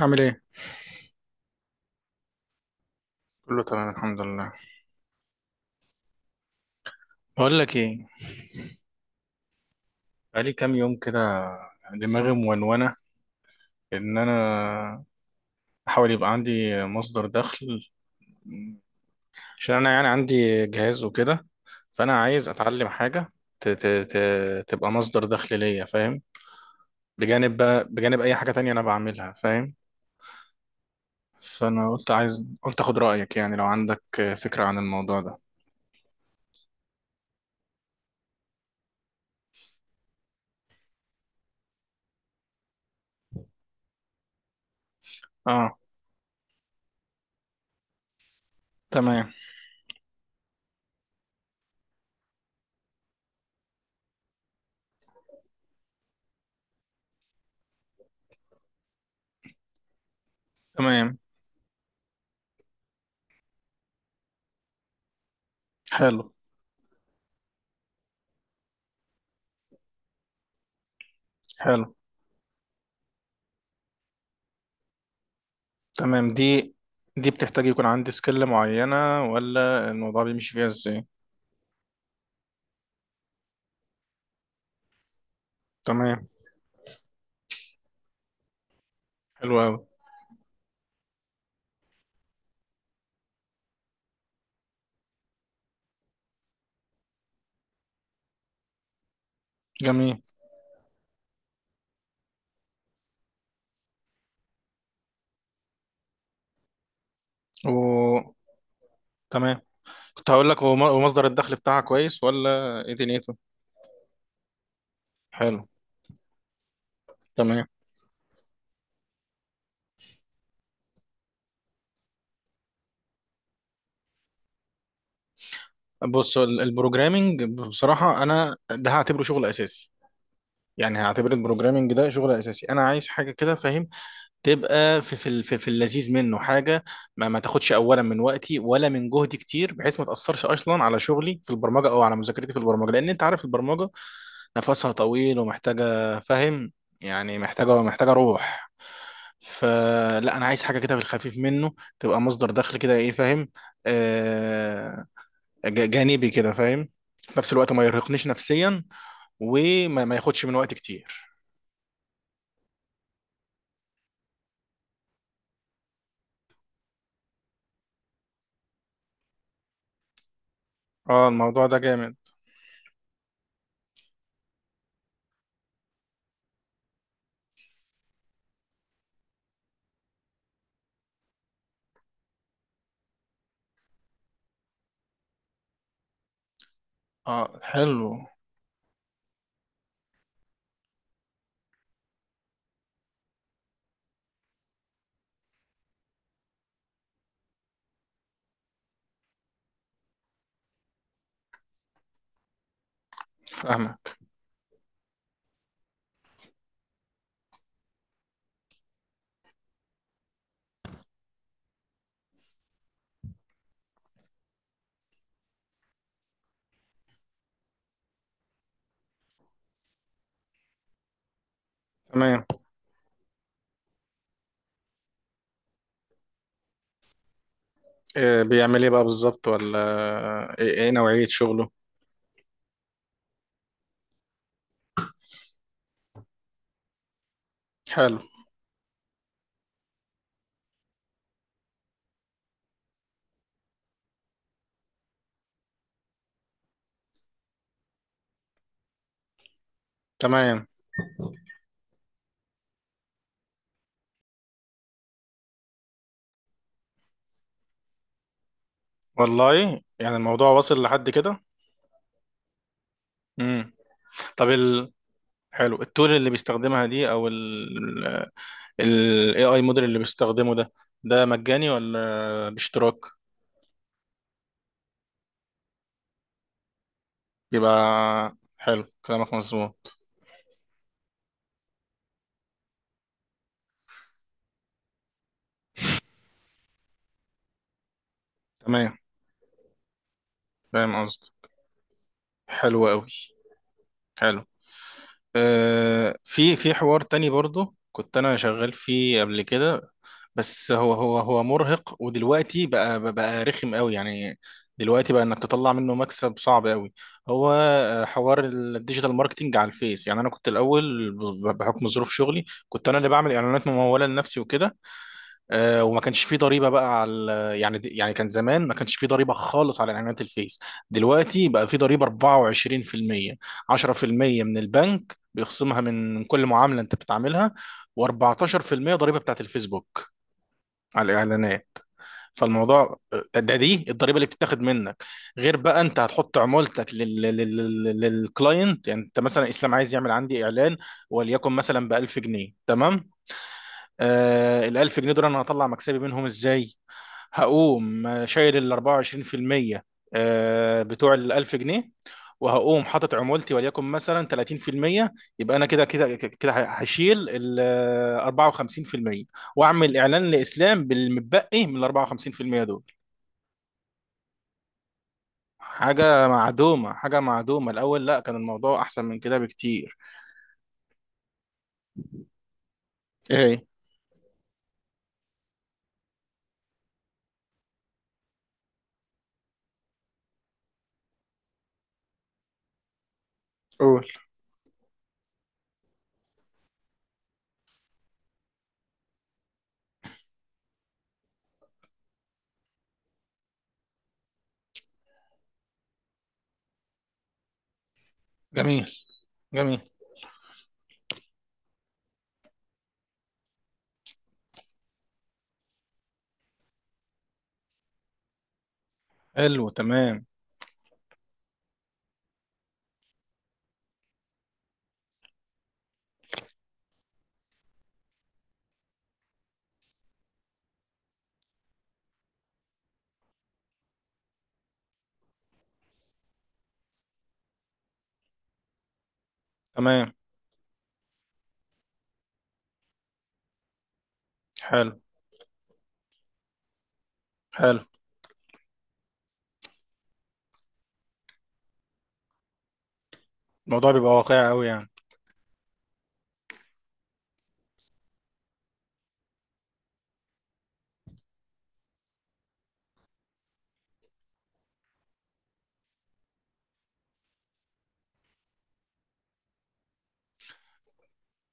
عامل ايه؟ كله تمام الحمد لله. بقول لك ايه، بقالي كام يوم كده دماغي مونونه، ان انا احاول يبقى عندي مصدر دخل، عشان انا يعني عندي جهاز وكده، فانا عايز اتعلم حاجه ت ت ت تبقى مصدر دخل ليا، فاهم؟ بجانب اي حاجه تانية انا بعملها، فاهم؟ فانا قلت اخد رايك يعني لو عندك فكره عن الموضوع ده. اه، تمام تمام. حلو حلو. تمام، دي بتحتاج يكون عندي سكيل معينة ولا الموضوع بيمشي فيها ازاي؟ تمام، حلو أوي. جميل. و تمام. كنت هقول لك هو هو مصدر الدخل بتاعها كويس ولا ايه دنيته؟ حلو. تمام. بص البروجرامينج بصراحة أنا ده هعتبره شغل أساسي. يعني هعتبر البروجرامينج ده شغل أساسي، أنا عايز حاجة كده، فاهم؟ تبقى في في ال- في في اللذيذ منه حاجه ما تاخدش اولا من وقتي ولا من جهدي كتير، بحيث ما تاثرش اصلا على شغلي في البرمجه او على مذاكرتي في البرمجه، لان انت عارف البرمجه نفسها طويل ومحتاجه، فاهم؟ يعني محتاجه روح. فلا انا عايز حاجه كده في الخفيف منه، تبقى مصدر دخل كده، ايه، فاهم؟ آه جانبي كده، فاهم؟ في نفس الوقت ما يرهقنيش نفسيا، وما ما ياخدش من وقت كتير. اه، الموضوع ده جامد. اه، حلو. فاهمك. تمام. بيعمل ايه بقى بالظبط، ولا ايه، إيه نوعية شغله؟ حلو. تمام. والله يعني الموضوع واصل لحد كده. امم طب حلو، التول اللي بيستخدمها دي او ال AI موديل اللي بيستخدمه ده مجاني ولا باشتراك؟ يبقى حلو، كلامك مظبوط. تمام، فاهم قصدي. حلو قوي. حلو. آه، في حوار تاني برضو كنت انا شغال فيه قبل كده، بس هو مرهق ودلوقتي بقى رخم قوي يعني. دلوقتي بقى انك تطلع منه مكسب صعب قوي. هو حوار الديجيتال ماركتينج على الفيس. يعني انا كنت الاول بحكم ظروف شغلي كنت انا اللي بعمل اعلانات مموله لنفسي وكده. وما كانش فيه ضريبه بقى على يعني، كان زمان ما كانش فيه ضريبه خالص على اعلانات الفيس. دلوقتي بقى فيه ضريبه 24%، 10% من البنك بيخصمها من كل معامله انت بتعملها، و14% ضريبه بتاعت الفيسبوك على الاعلانات. فالموضوع دي الضريبه اللي بتتاخد منك. غير بقى انت هتحط عمولتك للكلاينت. يعني انت مثلا اسلام عايز يعمل عندي اعلان، وليكن مثلا ب 1000 جنيه، تمام. آه الألف جنيه دول أنا هطلع مكسبي منهم إزاي؟ هقوم شايل ال 24% بتوع ال 1000 جنيه، وهقوم حاطط عمولتي وليكن مثلا 30%. يبقى أنا كده هشيل ال 54%، وأعمل إعلان لإسلام بالمتبقي من ال 54% دول. حاجة معدومة، حاجة معدومة. الأول لا، كان الموضوع أحسن من كده بكتير. إيه؟ قول. جميل جميل. حلو. تمام تمام. حلو حلو. الموضوع بيبقى واقعي قوي يعني.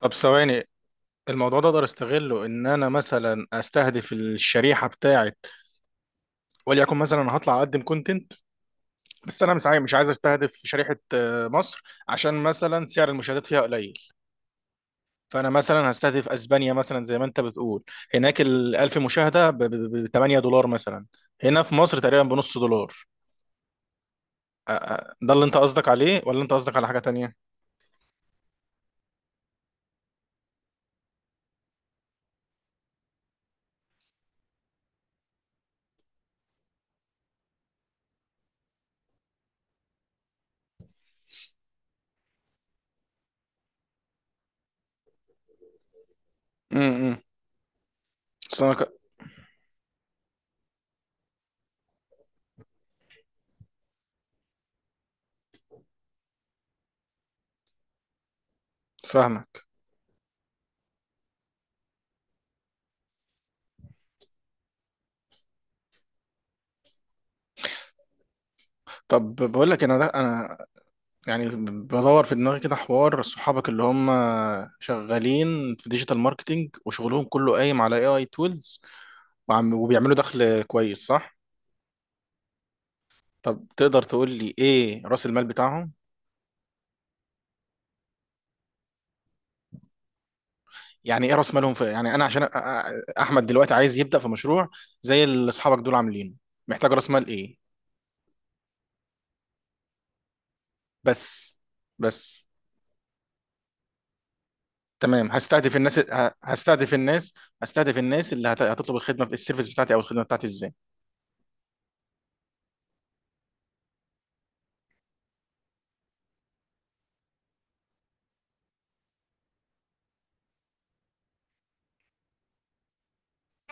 طب ثواني، الموضوع ده اقدر استغله ان انا مثلا استهدف الشريحه بتاعت. وليكن مثلا انا هطلع اقدم كونتنت، بس انا مش عايز استهدف شريحه مصر، عشان مثلا سعر المشاهدات فيها قليل. فانا مثلا هستهدف اسبانيا مثلا زي ما انت بتقول، هناك ال 1000 مشاهده ب 8 دولار مثلا، هنا في مصر تقريبا بنص دولار. ده اللي انت قصدك عليه ولا انت قصدك على حاجه تانية؟ أمم. أصل أنا فاهمك. طب بقول لك انا ده انا يعني بدور في دماغي كده حوار صحابك اللي هم شغالين في ديجيتال ماركتينج وشغلهم كله قايم على اي اي تولز، وعم وبيعملوا دخل كويس، صح؟ طب تقدر تقول لي ايه راس المال بتاعهم؟ يعني ايه راس مالهم في، يعني انا عشان احمد دلوقتي عايز يبدأ في مشروع زي اللي اصحابك دول عاملينه، محتاج راس مال ايه؟ بس بس. تمام، هستهدف الناس ه- هستهدف الناس هستهدف الناس اللي هتطلب الخدمة السيرفيس بتاعتي او الخدمة بتاعتي ازاي؟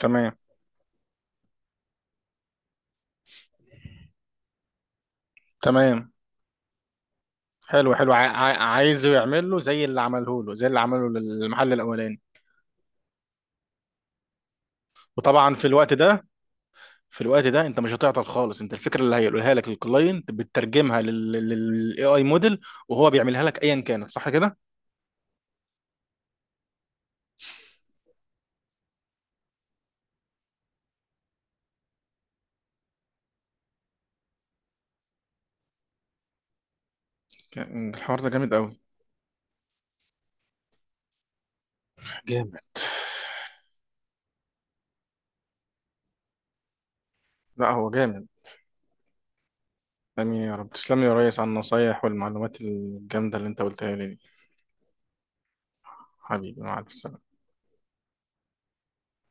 تمام تمام. حلو حلو. عايزه يعمل له زي اللي عمله للمحل الاولاني. وطبعا في الوقت ده في الوقت ده انت مش هتعطل خالص، انت الفكره اللي هيقولها لك للكلاينت بتترجمها للاي اي موديل وهو بيعملها لك ايا كانت، صح كده. يعني الحوار ده جامد قوي. جامد. لا، هو جامد. امين يا رب، تسلم لي يا ريس على النصايح والمعلومات الجامده اللي انت قلتها لي دي. حبيبي، مع الف سلامه.